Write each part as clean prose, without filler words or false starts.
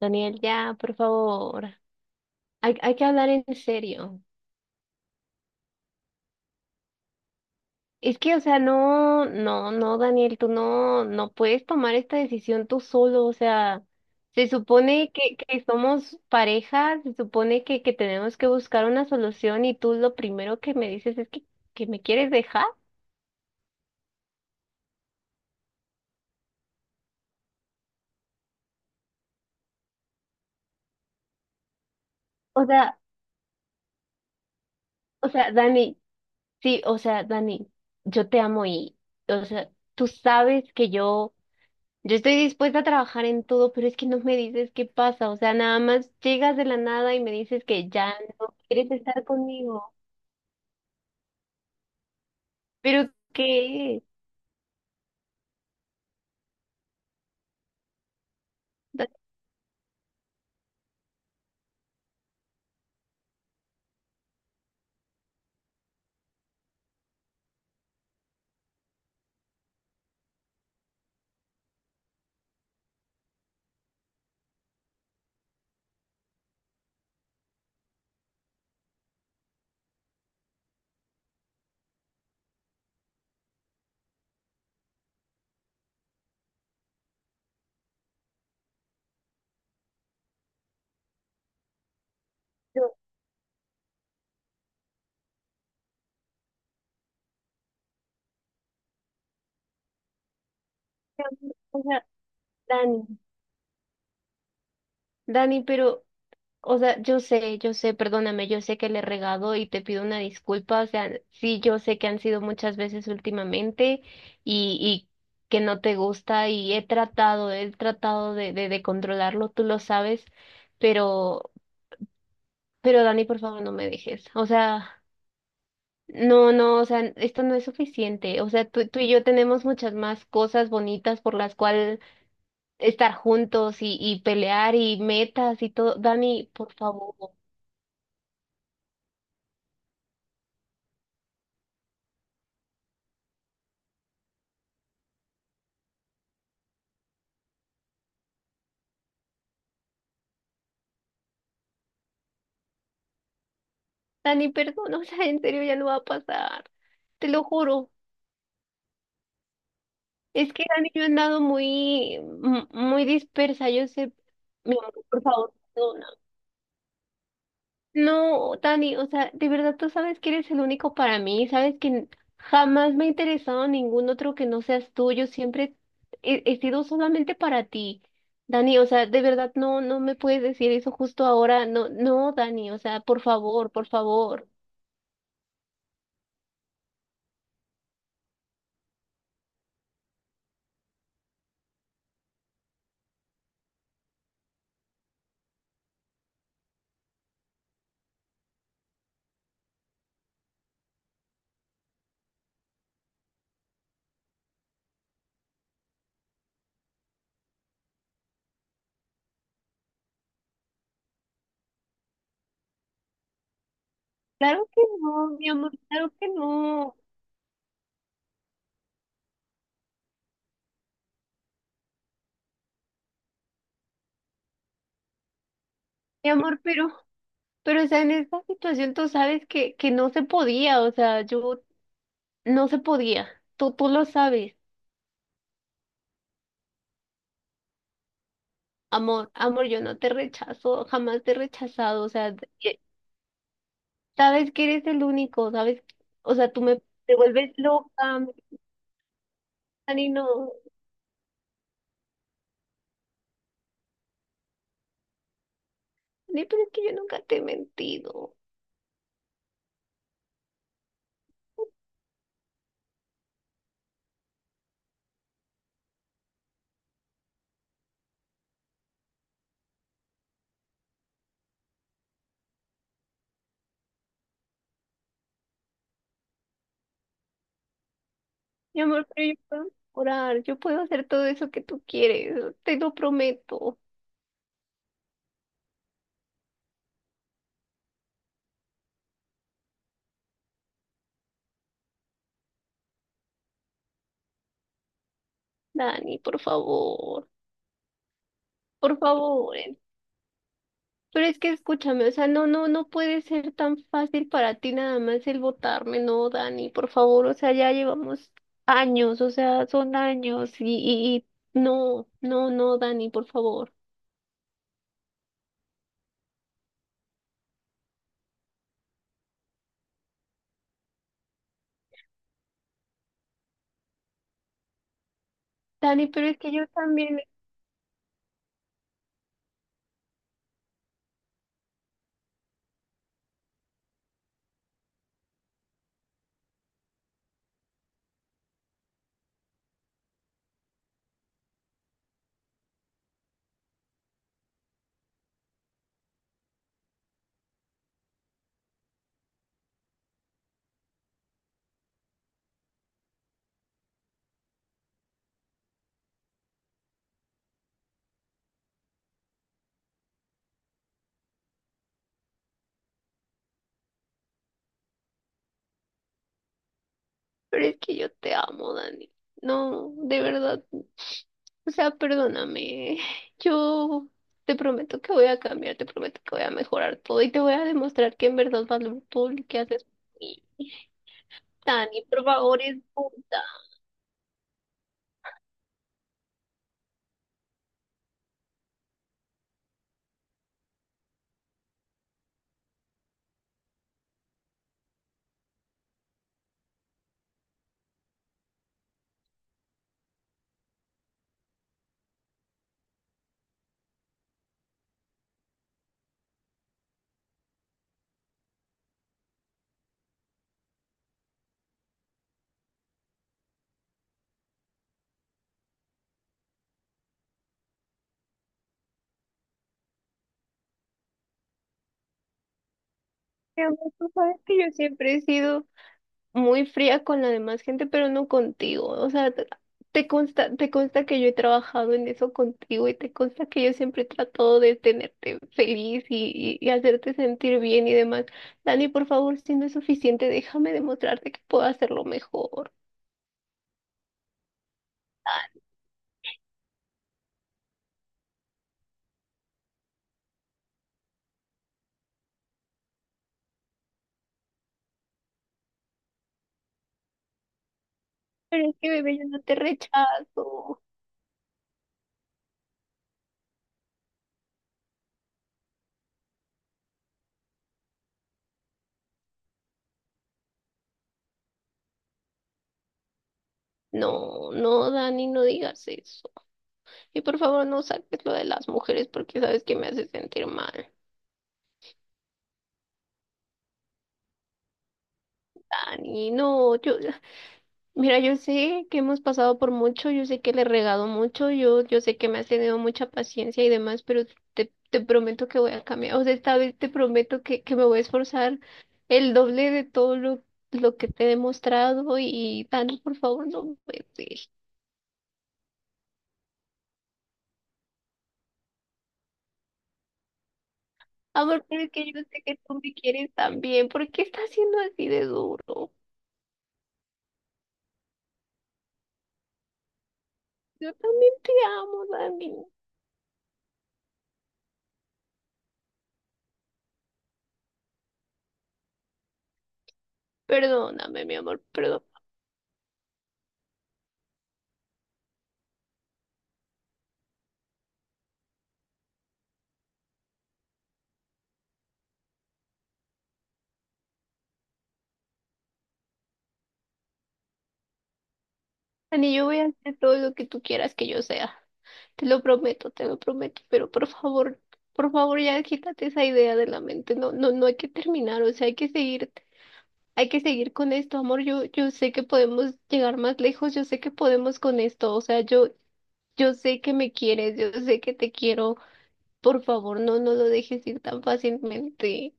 Daniel, ya, por favor. Hay que hablar en serio. Es que, o sea, no, no, no, Daniel, tú no puedes tomar esta decisión tú solo. O sea, se supone que somos pareja, se supone que tenemos que buscar una solución y tú lo primero que me dices es que me quieres dejar. O sea, o sea, Dani, sí, o sea, Dani, yo te amo y, o sea, tú sabes que yo... Yo estoy dispuesta a trabajar en todo, pero es que no me dices qué pasa. O sea, nada más llegas de la nada y me dices que ya no quieres estar conmigo. ¿Pero qué es? Dani, yo- o sea, Dani, Dani, pero, o sea, yo sé, perdóname, yo sé que le he regado y te pido una disculpa. O sea, sí, yo sé que han sido muchas veces últimamente y que no te gusta y he tratado de controlarlo, tú lo sabes, pero. Pero Dani, por favor, no me dejes. O sea, no, no, o sea, esto no es suficiente. O sea, tú y yo tenemos muchas más cosas bonitas por las cuales estar juntos y pelear y metas y todo. Dani, por favor. Dani, perdón, o sea, en serio ya no va a pasar. Te lo juro. Es que Dani, yo he andado muy, muy dispersa. Yo sé, mi amor, por favor. No, Dani, o sea, de verdad tú sabes que eres el único para mí, sabes que jamás me ha interesado ningún otro que no seas tú, yo siempre he sido solamente para ti. Dani, o sea, de verdad no, no me puedes decir eso justo ahora, no, no, Dani, o sea, por favor, por favor. Claro que no, mi amor, claro que no, mi amor, pero, o sea, en esta situación tú sabes que no se podía, o sea, yo no se podía, tú lo sabes. Amor, amor, yo no te rechazo, jamás te he rechazado, o sea, eh, sabes que eres el único, sabes, o sea, tú me te vuelves loca, me gritan y no. Ni, pero es que yo nunca te he mentido. Mi amor, pero yo puedo orar, yo puedo hacer todo eso que tú quieres, te lo prometo. Dani, por favor, pero es que escúchame, o sea, no, no, no puede ser tan fácil para ti nada más el votarme, no, Dani, por favor, o sea, ya llevamos años, o sea, son años y no, no, no, Dani, por favor. Dani, pero es que yo también, pero es que yo te amo, Dani. No, de verdad, o sea, perdóname, yo te prometo que voy a cambiar, te prometo que voy a mejorar todo y te voy a demostrar que en verdad valoro todo lo que haces por mí. Dani, por favor, es mi amor, tú sabes que yo siempre he sido muy fría con la demás gente, pero no contigo. O sea, te consta, te consta que yo he trabajado en eso contigo y te consta que yo siempre he tratado de tenerte feliz y, y hacerte sentir bien y demás. Dani, por favor, si no es suficiente, déjame demostrarte que puedo hacerlo mejor. Pero es que, bebé, yo no te rechazo. No, no, Dani, no digas eso. Y por favor, no saques lo de las mujeres porque sabes que me hace sentir mal. Dani, no, yo. Mira, yo sé que hemos pasado por mucho, yo sé que le he regado mucho, yo sé que me has tenido mucha paciencia y demás, pero te prometo que voy a cambiar. O sea, esta vez te prometo que me voy a esforzar el doble de todo lo que te he demostrado y Thanos, por favor, no puedes ir. Amor, pero es que yo sé que tú me quieres también. ¿Por qué estás siendo así de duro? Yo también te amo, Dani. Perdóname, mi amor, perdón. Dani, yo voy a hacer todo lo que tú quieras que yo sea. Te lo prometo, pero por favor ya quítate esa idea de la mente. No, no, no hay que terminar, o sea, hay que seguir con esto, amor. Yo sé que podemos llegar más lejos, yo sé que podemos con esto, o sea, yo sé que me quieres, yo sé que te quiero. Por favor, no, no lo dejes ir tan fácilmente.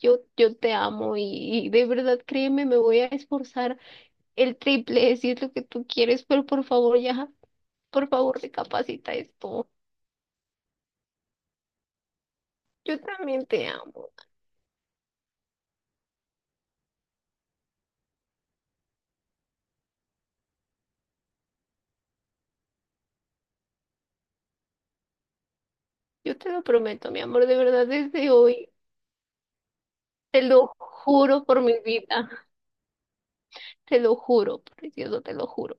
Yo te amo y de verdad, créeme, me voy a esforzar el triple si es lo que tú quieres, pero por favor ya, por favor, recapacita esto. Yo también te amo. Yo te lo prometo, mi amor, de verdad, desde hoy. Te lo juro por mi vida. Te lo juro, precioso, te lo juro.